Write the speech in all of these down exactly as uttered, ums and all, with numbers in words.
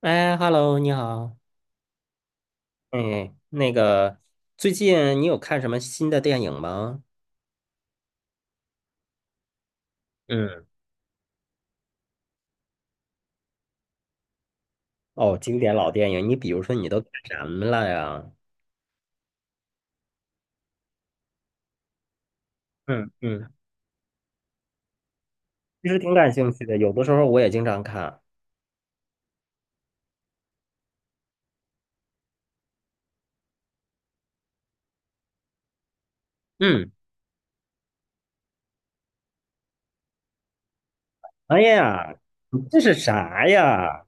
哎，Hello，你好。哎，那个，最近你有看什么新的电影吗？嗯。哦，经典老电影，你比如说你都看什么了呀？嗯嗯。其实挺感兴趣的，有的时候我也经常看。嗯。哎呀，你这是啥呀？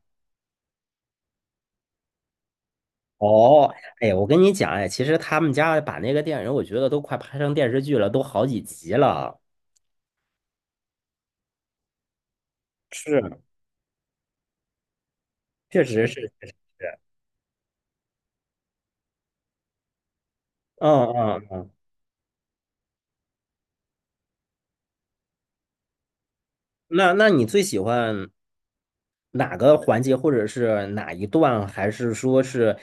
哦，哎呀，我跟你讲，哎，其实他们家把那个电影，我觉得都快拍成电视剧了，都好几集了。是，确实是，确实是。嗯嗯嗯。那那你最喜欢？哪个环节或者是哪一段，还是说是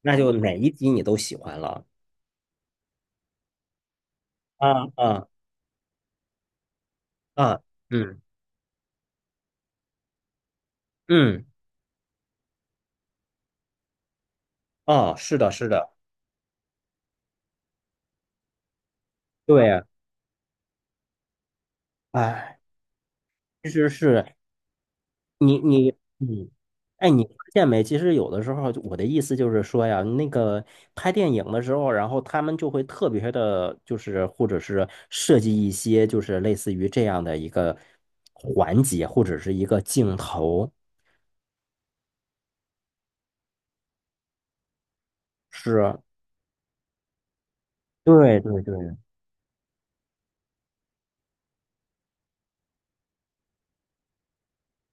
那就哪一集你都喜欢了？啊啊啊！嗯嗯。哦，是的，是的，对啊，哎，其实是你你。嗯，哎，你发现没？其实有的时候我的意思就是说呀，那个拍电影的时候，然后他们就会特别的，就是或者是设计一些就是类似于这样的一个环节或者是一个镜头，是。对对对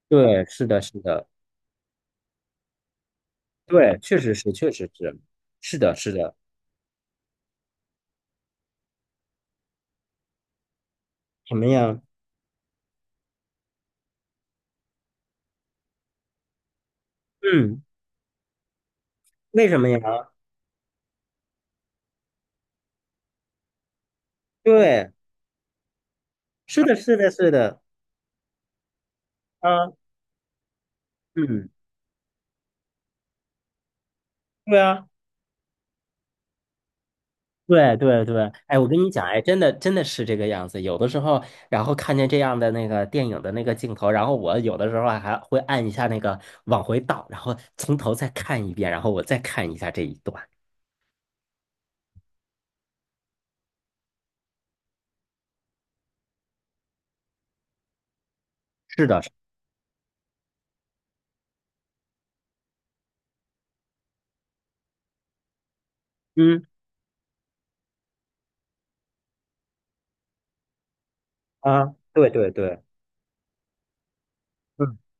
对，是的，是的，对，确实是，确实是，是的，是的。什么呀？嗯，为什么呀？对，是的，是的，是的，啊，嗯，对啊，对对对。哎，我跟你讲，哎，真的真的是这个样子。有的时候，然后看见这样的那个电影的那个镜头，然后我有的时候还会按一下那个往回倒，然后从头再看一遍，然后我再看一下这一段。是的，是嗯，啊，对对对，嗯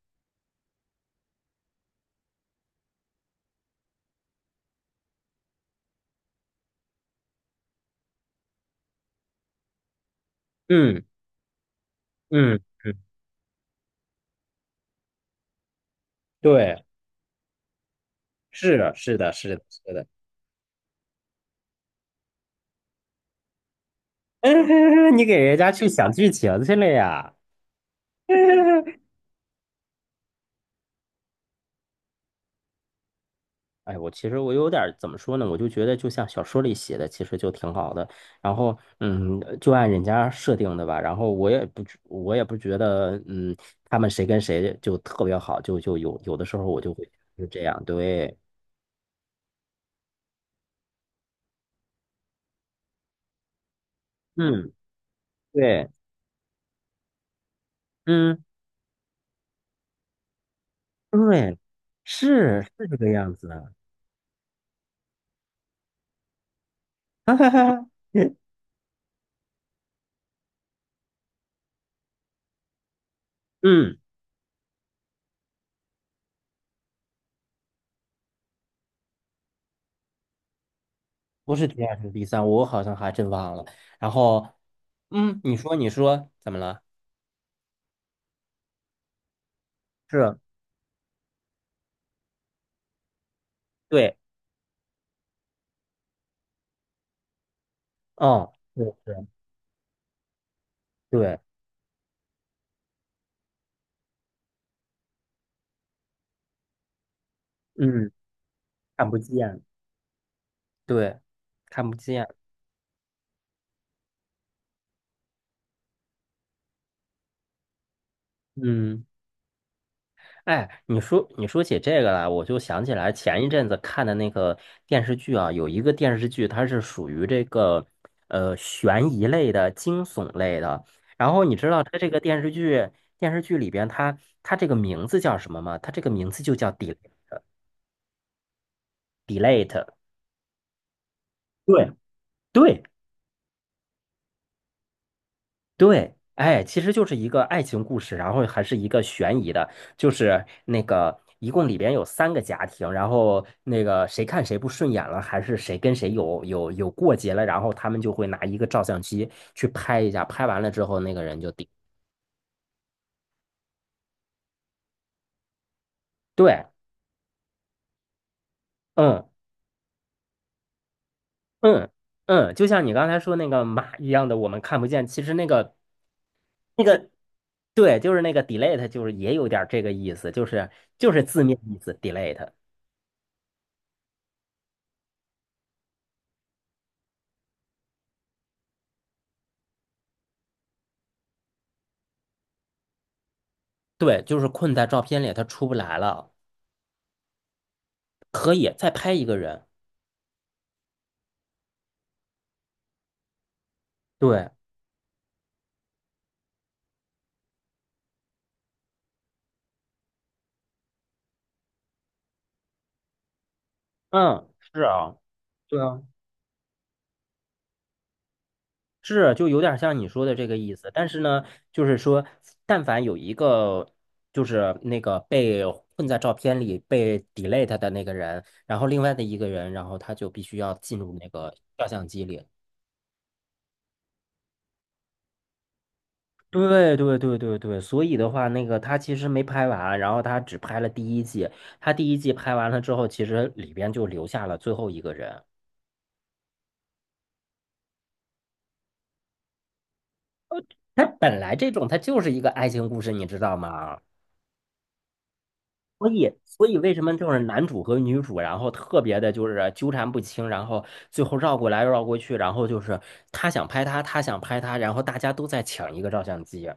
嗯嗯嗯，对。是的，是的，是的，是的。你给人家去想剧情去了呀？哎，我其实我有点儿怎么说呢？我就觉得就像小说里写的，其实就挺好的。然后，嗯，就按人家设定的吧。然后我也不觉，我也不觉得，嗯，他们谁跟谁就特别好，就就有有的时候我就会就这样，对，嗯，对，嗯，对，是是这个样子的，嗯。不是第二是第三，我好像还真忘了。然后，嗯，你说你说怎么了？是，对，嗯，对对对，嗯，看不见，对，看不见，嗯，哎，你说你说起这个来，我就想起来前一阵子看的那个电视剧啊，有一个电视剧，它是属于这个呃悬疑类的、惊悚类的。然后你知道它这个电视剧电视剧里边它它这个名字叫什么吗？它这个名字就叫《底》。对，对对，哎，其实就是一个爱情故事，然后还是一个悬疑的，就是那个一共里边有三个家庭，然后那个谁看谁不顺眼了，还是谁跟谁有有有过节了，然后他们就会拿一个照相机去拍一下，拍完了之后那个人就顶。对，嗯嗯嗯，就像你刚才说那个马一样的，我们看不见，其实那个那个。对，就是那个 delete，就是也有点儿这个意思，就是就是字面意思 delete。对，就是困在照片里，他出不来了。可以再拍一个人。对，嗯，是啊，对啊，是，就有点像你说的这个意思。但是呢，就是说，但凡有一个就是那个被困在照片里被 delete 的那个人，然后另外的一个人，然后他就必须要进入那个照相机里。对对对对对，所以的话，那个他其实没拍完，然后他只拍了第一季，他第一季拍完了之后，其实里边就留下了最后一个人。它本来这种它就是一个爱情故事，你知道吗？所以，所以为什么就是男主和女主，然后特别的就是纠缠不清，然后最后绕过来绕过去，然后就是他想拍他，他想拍他，然后大家都在抢一个照相机。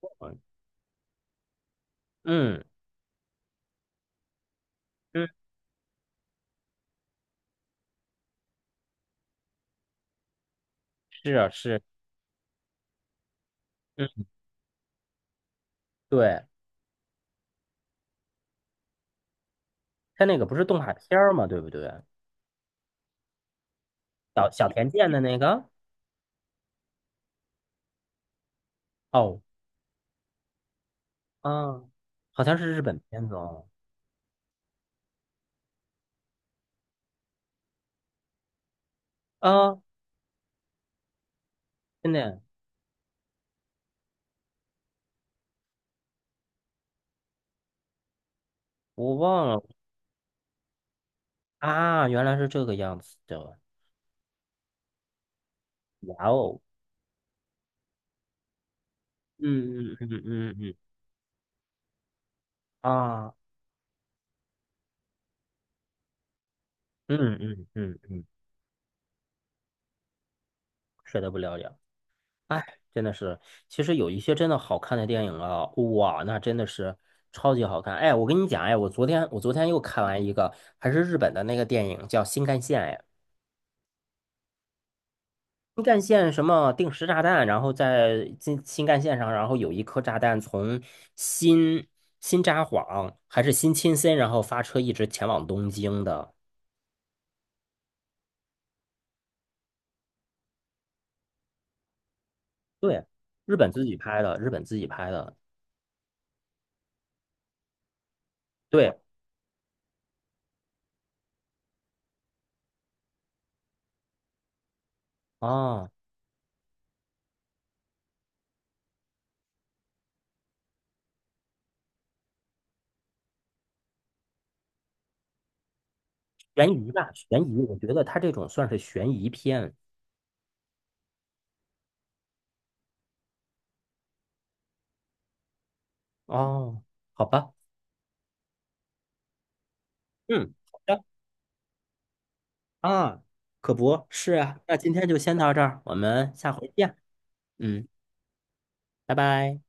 嗯嗯，嗯是啊是，嗯，对，他那个不是动画片儿嘛，对不对？小小田健的那个，哦，啊，好像是日本片子哦，啊，真的，我忘了啊，原来是这个样子的，哇哦。嗯嗯嗯嗯嗯啊，嗯嗯嗯嗯，是的，不了解。哎，真的是，其实有一些真的好看的电影啊，哇，那真的是超级好看。哎，我跟你讲，哎，我昨天我昨天又看完一个，还是日本的那个电影，叫《新干线》。哎，新干线什么定时炸弹，然后在新新干线上，然后有一颗炸弹从新新札幌还是新青森，然后发车一直前往东京的。对，日本自己拍的，日本自己拍的。对。哦，悬疑吧，悬疑，我觉得它这种算是悬疑片。哦，好吧，嗯，好的啊，可不是啊，那今天就先到这儿，我们下回见。嗯，拜拜。